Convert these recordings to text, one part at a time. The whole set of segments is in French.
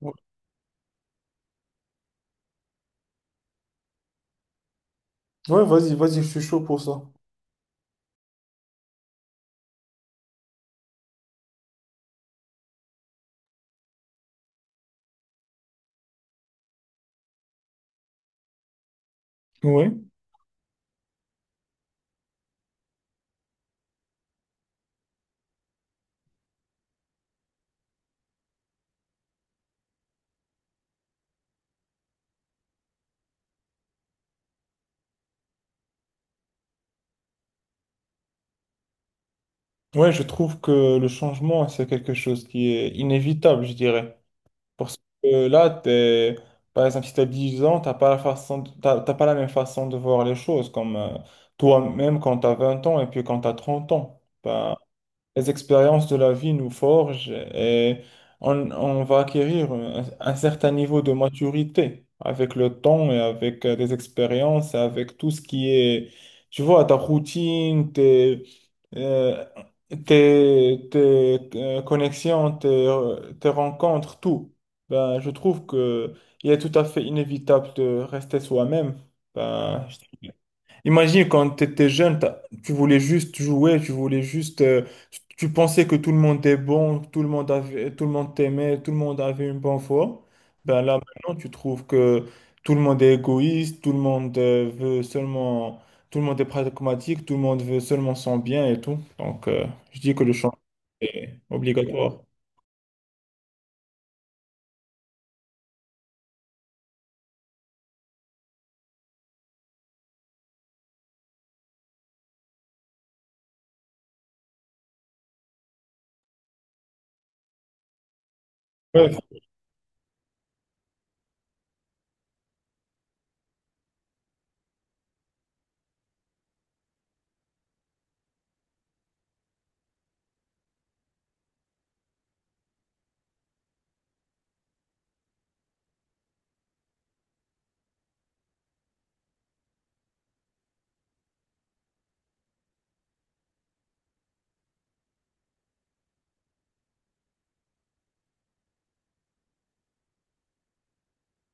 Ouais, Ouais, vas-y, vas-y, je suis chaud pour ça. Oui, ouais, je trouve que le changement, c'est quelque chose qui est inévitable, je dirais. Parce que là, t'es, par exemple, si tu as 10 ans, t'as pas la même façon de voir les choses, comme toi-même quand tu as 20 ans et puis quand tu as 30 ans. Ben, les expériences de la vie nous forgent et on va acquérir un certain niveau de maturité avec le temps et avec des expériences, avec tout ce qui est, tu vois, ta routine, euh, connexions, tes rencontres, tout. Ben, je trouve que il est tout à fait inévitable de rester soi-même. Ben, imagine quand tu étais jeune, tu voulais juste jouer, tu pensais que tout le monde était bon, tout le monde avait, tout le monde t'aimait, tout le monde avait une bonne foi. Ben là maintenant, tu trouves que tout le monde est égoïste, tout le monde veut seulement, tout le monde est pragmatique, tout le monde veut seulement son bien et tout. Donc, je dis que le changement est obligatoire.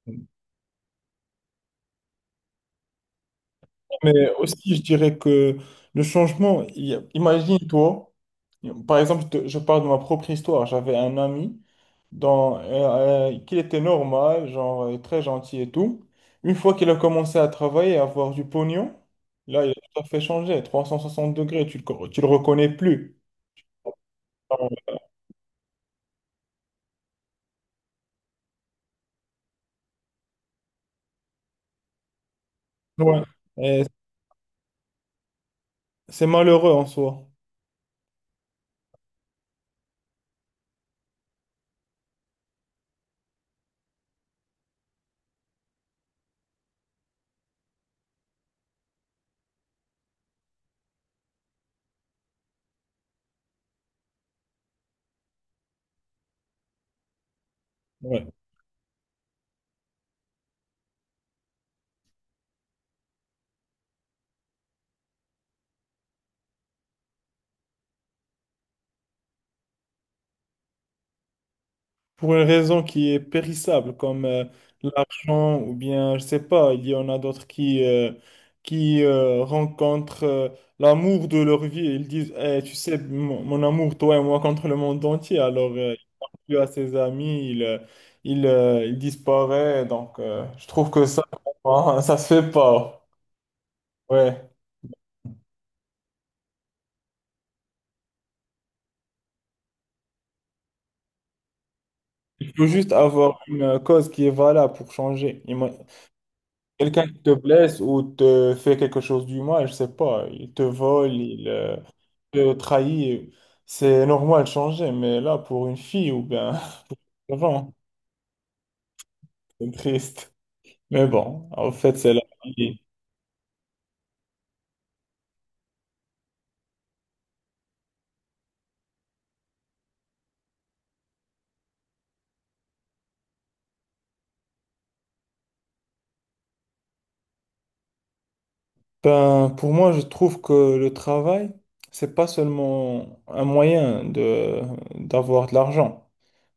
Ouais. Mais aussi, je dirais que le changement, il y a- imagine-toi, par exemple, je parle de ma propre histoire. J'avais un ami qui était normal, genre très gentil et tout. Une fois qu'il a commencé à travailler, et à avoir du pognon, là, il a tout à fait changé. 360 degrés, tu le reconnais plus. Ouais. Et c'est malheureux en soi. Ouais. Pour une raison qui est périssable, comme l'argent, ou bien, je sais pas, il y en a d'autres qui rencontrent l'amour de leur vie ils disent, Eh, tu sais, mon amour, toi et moi, contre le monde entier. Alors, il parle plus à ses amis, il disparaît. Donc, je trouve que ça, vraiment, ça se fait pas. Ouais. Il faut juste avoir une cause qui est valable pour changer. Quelqu'un qui te blesse ou te fait quelque chose du mal, je sais pas, il te vole, il te trahit, c'est normal de changer, mais là, pour une fille, ou bien, avant, c'est triste. Mais bon, en fait, c'est la vie. Ben, pour moi, je trouve que le travail, c'est pas seulement un moyen de d'avoir de l'argent.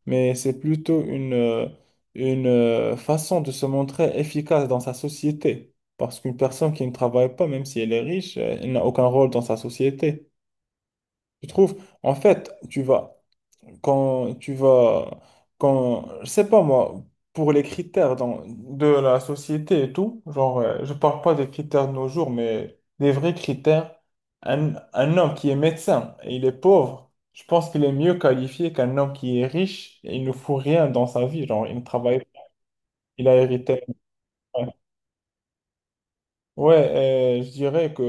Mais c'est plutôt une façon de se montrer efficace dans sa société. Parce qu'une personne qui ne travaille pas, même si elle est riche, elle n'a aucun rôle dans sa société. Je trouve, en fait, quand tu vas, quand, je sais pas moi, pour les critères de la société et tout, genre, je parle pas des critères de nos jours, mais des vrais critères, un homme qui est médecin et il est pauvre, je pense qu'il est mieux qualifié qu'un homme qui est riche et il ne fout rien dans sa vie, genre, il ne travaille, pas, il a hérité. Ouais, je dirais que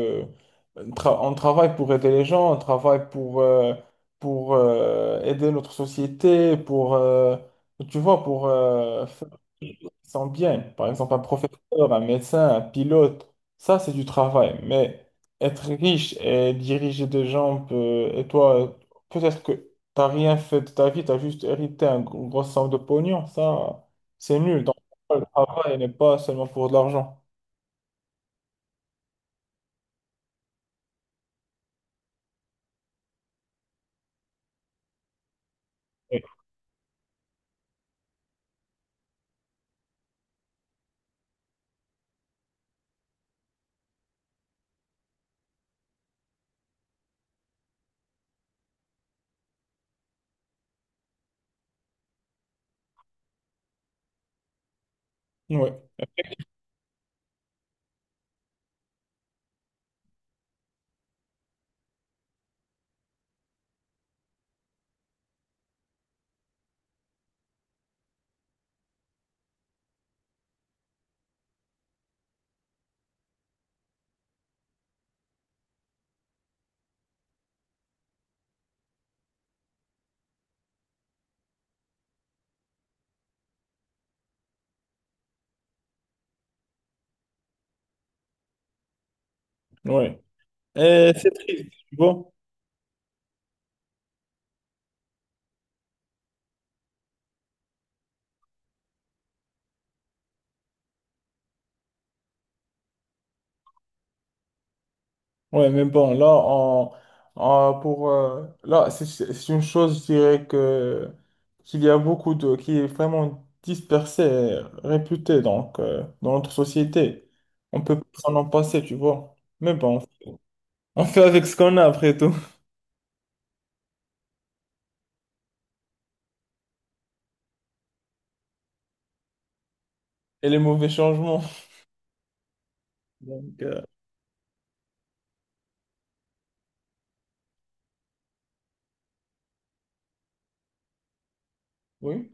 on travaille pour aider les gens, on travaille pour aider notre société, tu vois, pour faire des choses qui sont bien. Par exemple, un professeur, un médecin, un pilote, ça, c'est du travail. Mais être riche et diriger des gens, et toi, peut-être que tu n'as rien fait de ta vie, tu as juste hérité une grosse somme de pognon, ça, c'est nul. Donc, le travail n'est pas seulement pour de l'argent. Oui. Ouais. Et c'est triste, tu vois. Ouais, mais bon, là, là, c'est une chose, je dirais que qu'il y a beaucoup de, qui est vraiment dispersée, et réputée, donc, dans notre société. On peut pas s'en en passer, tu vois. Mais bon, on fait avec ce qu'on a après tout. Et les mauvais changements. Donc, oui.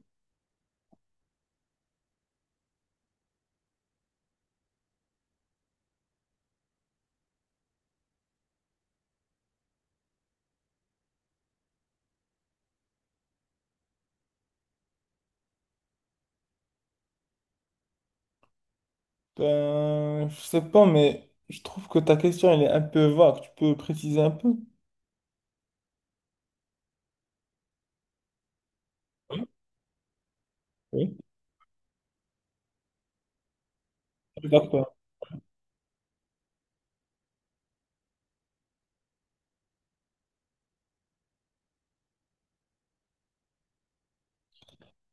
Ben, je sais pas, mais je trouve que ta question, elle est un peu vague. Tu peux préciser un peu? Oui. Je suis d'accord.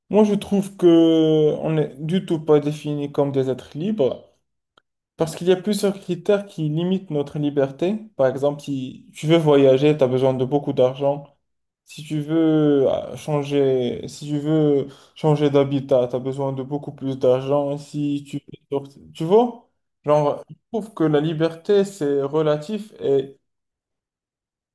Moi, je trouve que on n'est du tout pas défini comme des êtres libres parce qu'il y a plusieurs critères qui limitent notre liberté. Par exemple, si tu veux voyager, tu as besoin de beaucoup d'argent. Si tu veux changer, si tu veux changer d'habitat, tu as besoin de beaucoup plus d'argent. Si tu, veux, sortir- Tu vois, genre, je trouve que la liberté, c'est relatif et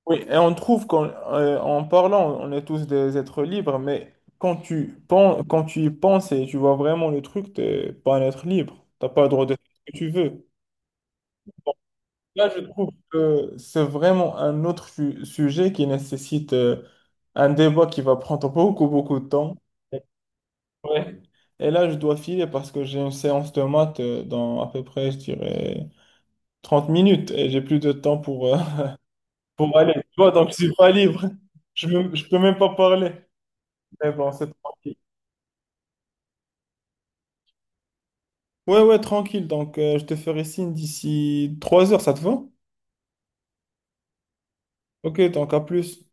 oui, et on trouve qu'en en parlant, on est tous des êtres libres, mais quand tu penses, quand tu y penses et tu vois vraiment le truc, t'es pas un être libre. T'as pas le droit de faire ce que tu veux. Là, je trouve que c'est vraiment un autre sujet qui nécessite un débat qui va prendre beaucoup, beaucoup de temps. Ouais. Et là, je dois filer parce que j'ai une séance de maths dans à peu près, je dirais, 30 minutes et j'ai plus de temps pour, pour aller. Tu vois, donc je suis pas libre. Je peux même pas parler. Mais bon, c'est tranquille. Ouais, ouais, tranquille. Donc, je te ferai signe d'ici 3 heures, ça te va? Ok, donc à plus.